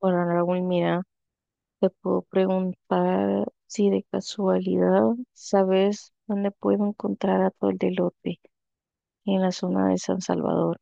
Bueno, Raúl, mira, te puedo preguntar si de casualidad sabes dónde puedo encontrar atol de elote en la zona de San Salvador.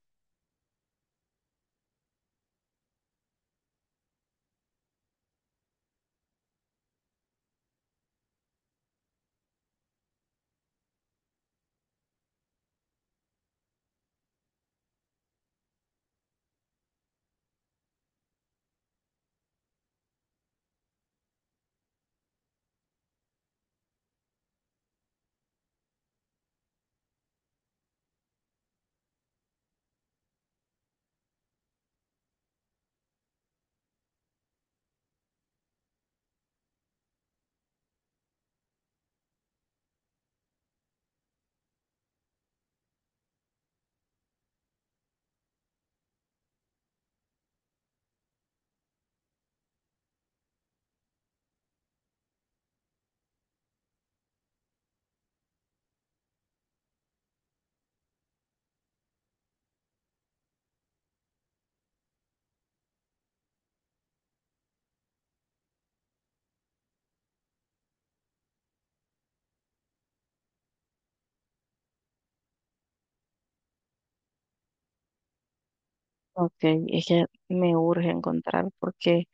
Ok, es que me urge encontrar porque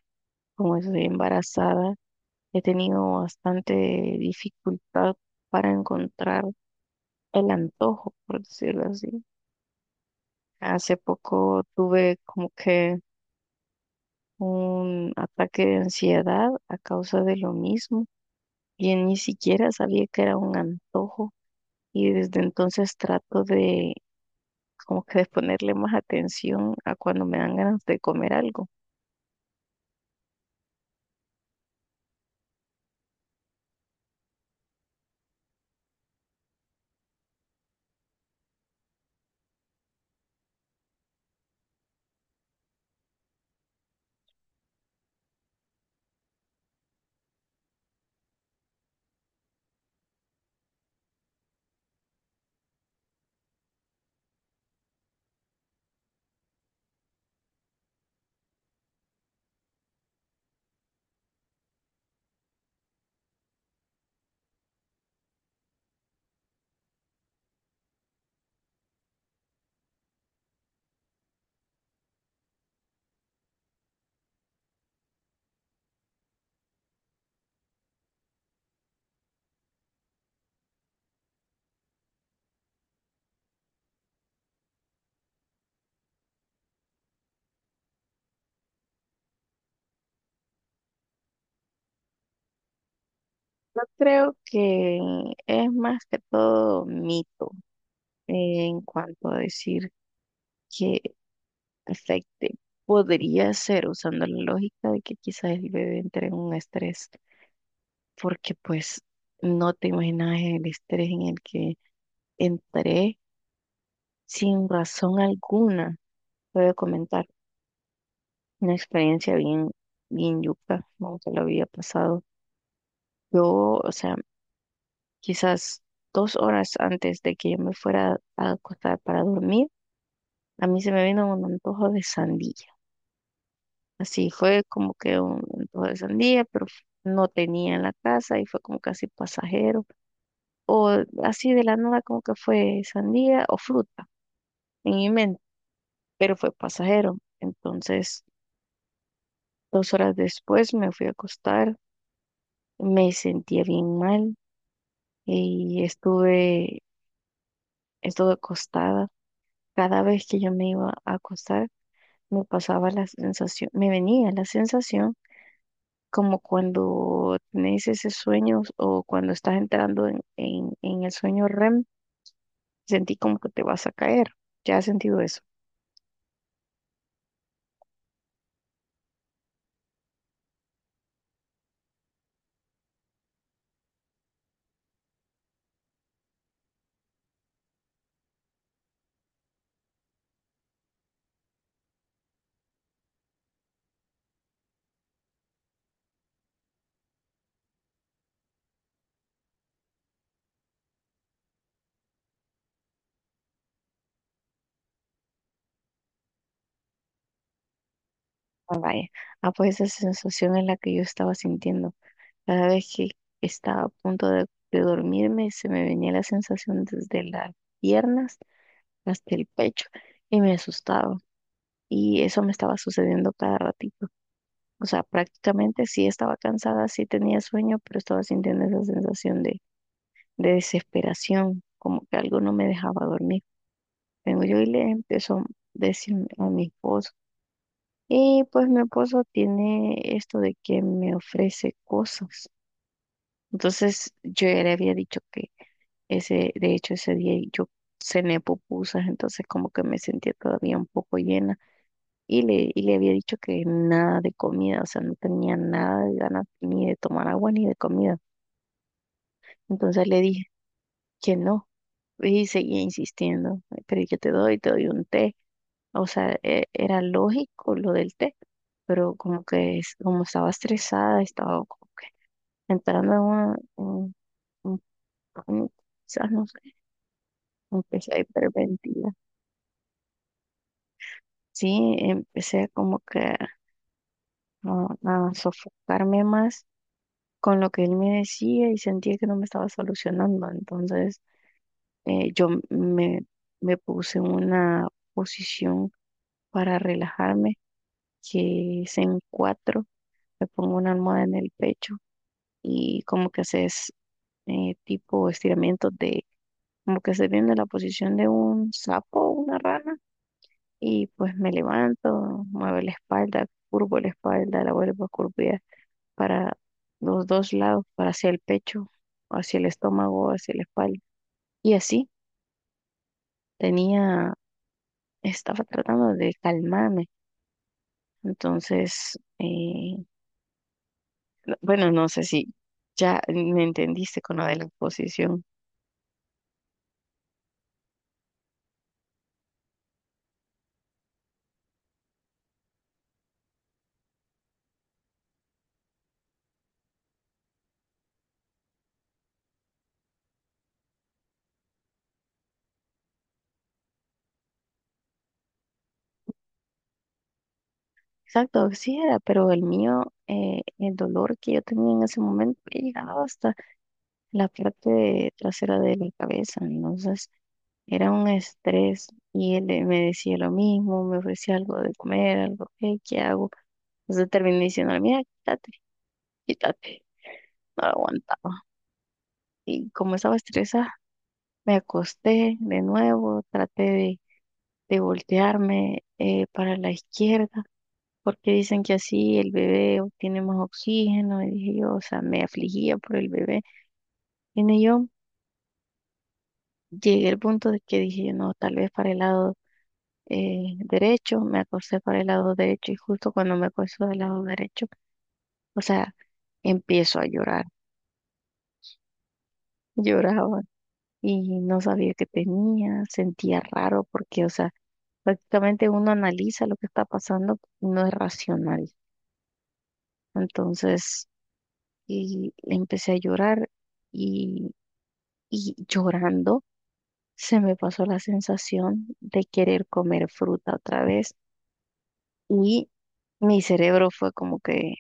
como estoy embarazada, he tenido bastante dificultad para encontrar el antojo, por decirlo así. Hace poco tuve como que un ataque de ansiedad a causa de lo mismo y ni siquiera sabía que era un antojo y desde entonces trato de como que de ponerle más atención a cuando me dan ganas de comer algo. Yo creo que es más que todo mito en cuanto a decir que afecte. Podría ser usando la lógica de que quizás el bebé entre en un estrés, porque pues no te imaginas el estrés en el que entré sin razón alguna, puedo comentar. Una experiencia bien, bien yuca, nunca lo había pasado. Yo, o sea, quizás 2 horas antes de que yo me fuera a acostar para dormir, a mí se me vino un antojo de sandía. Así fue como que un antojo de sandía, pero no tenía en la casa y fue como casi pasajero. O así de la nada como que fue sandía o fruta en mi mente, pero fue pasajero. Entonces, 2 horas después me fui a acostar, me sentía bien mal y estuve, estuve acostada. Cada vez que yo me iba a acostar, me pasaba la sensación, me venía la sensación como cuando tenés ese sueño o cuando estás entrando en el sueño REM, sentí como que te vas a caer. ¿Ya has sentido eso? Ah, vaya. Ah, pues esa sensación es la que yo estaba sintiendo. Cada vez que estaba a punto de dormirme, se me venía la sensación desde las piernas hasta el pecho y me asustaba. Y eso me estaba sucediendo cada ratito. O sea, prácticamente sí estaba cansada, sí tenía sueño, pero estaba sintiendo esa sensación de desesperación, como que algo no me dejaba dormir. Vengo yo y le empezó a decir a mi esposo. Y pues mi esposo tiene esto de que me ofrece cosas. Entonces yo ya le había dicho que ese, de hecho ese día yo cené pupusas, entonces como que me sentía todavía un poco llena. Y le había dicho que nada de comida, o sea, no tenía nada de ganas ni de tomar agua ni de comida. Entonces le dije que no y seguía insistiendo, pero yo te doy un té. O sea, era lógico lo del té, pero como que como estaba estresada, estaba como que entrando en una, en un pánico, quizás no sé, empecé a hiperventilar. Sí, empecé como que a sofocarme más con lo que él me decía y sentía que no me estaba solucionando. Entonces, yo me, me puse en una posición para relajarme, que es en cuatro, me pongo una almohada en el pecho y como que haces tipo estiramientos de, como que estoy viendo la posición de un sapo o una rana y pues me levanto, muevo la espalda, curvo la espalda, la vuelvo a curvar para los dos lados, para hacia el pecho, hacia el estómago, hacia la espalda. Y así tenía, estaba tratando de calmarme. Entonces, bueno, no sé si ya me entendiste con lo de la exposición. Exacto, sí era, pero el mío, el dolor que yo tenía en ese momento llegaba hasta la parte trasera de la cabeza. Entonces, era un estrés y él me decía lo mismo, me ofrecía algo de comer, algo, "Hey, ¿qué hago?" Entonces terminé diciéndole, mira, quítate, quítate. No aguantaba. Y como estaba estresada, me acosté de nuevo, traté de voltearme para la izquierda, porque dicen que así el bebé obtiene más oxígeno. Y dije yo, o sea, me afligía por el bebé. Y yo llegué al punto de que dije, no, tal vez para el lado derecho, me acosté para el lado derecho y justo cuando me acosté del lado derecho, o sea, empiezo a llorar. Lloraba y no sabía que tenía, sentía raro porque, o sea, prácticamente uno analiza lo que está pasando, no es racional. Entonces, y empecé a llorar y, y llorando se me pasó la sensación de querer comer fruta otra vez y mi cerebro fue como que,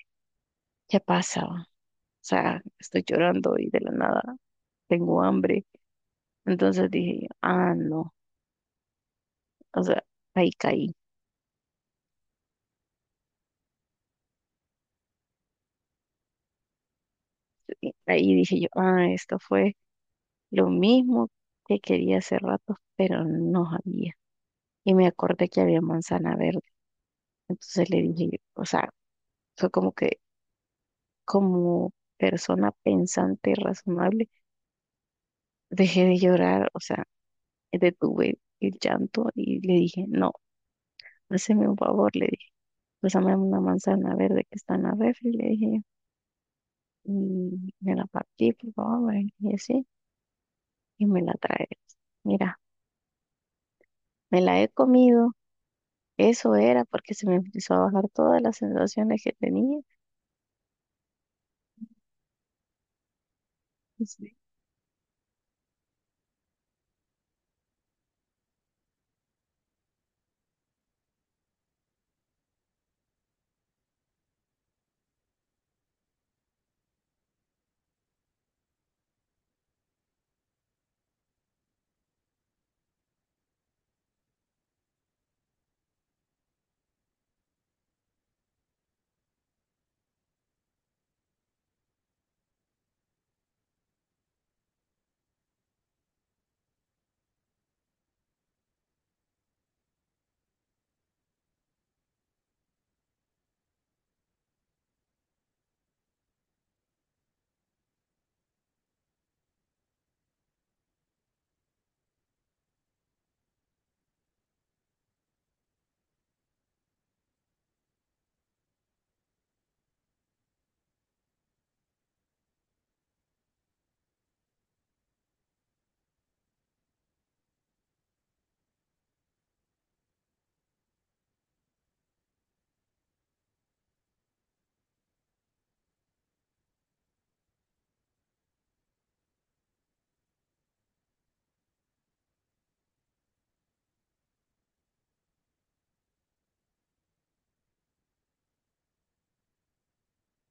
¿qué pasa? O sea, estoy llorando y de la nada tengo hambre. Entonces dije, ah, no, o sea, ahí caí. Ahí dije yo, ah, esto fue lo mismo que quería hace rato, pero no había. Y me acordé que había manzana verde. Entonces le dije, yo, o sea, fue como que como persona pensante y razonable, dejé de llorar, o sea, detuve el llanto y le dije, no, hazme un favor, le dije, pásame una manzana verde que está en la refri, le dije, y me la partí, por favor, y así, y me la traes. Mira, me la he comido. Eso era porque se me empezó a bajar todas las sensaciones que tenía. Sí.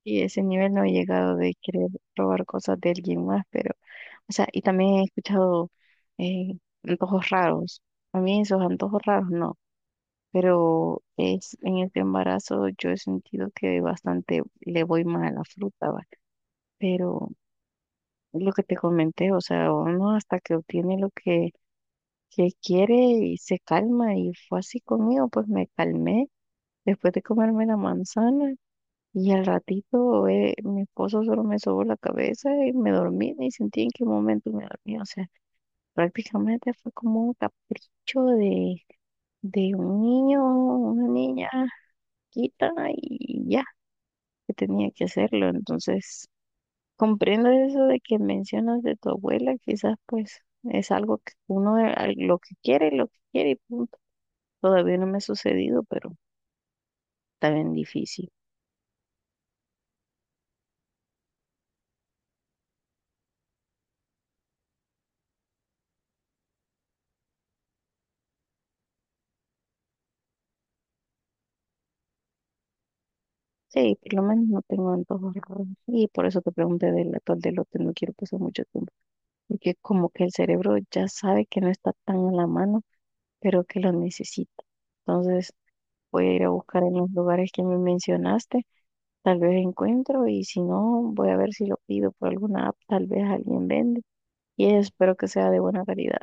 Y ese nivel no he llegado de querer robar cosas de alguien más, pero, o sea, y también he escuchado eh, antojos raros. A mí esos antojos raros no, pero es en este embarazo yo he sentido que bastante le voy mal a la fruta, ¿va? Pero lo que te comenté, o sea, uno hasta que obtiene lo que quiere y se calma y fue así conmigo, pues me calmé. Después de comerme la manzana y al ratito mi esposo solo me sobó la cabeza y me dormí, ni sentí en qué momento me dormí. O sea, prácticamente fue como un capricho de un niño, una niña quita y ya, que tenía que hacerlo. Entonces, comprendo eso de que mencionas de tu abuela, quizás pues es algo que uno lo que quiere y punto. Todavía no me ha sucedido, pero está bien difícil. Sí, por lo menos no tengo antojos raros. Y por eso te pregunté del atol de lote, no quiero pasar mucho tiempo. Porque como que el cerebro ya sabe que no está tan a la mano, pero que lo necesita. Entonces voy a ir a buscar en los lugares que me mencionaste. Tal vez encuentro y si no, voy a ver si lo pido por alguna app. Tal vez alguien vende. Y espero que sea de buena calidad.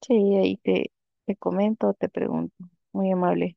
Sí, ahí te, te comento, te pregunto. Muy amable.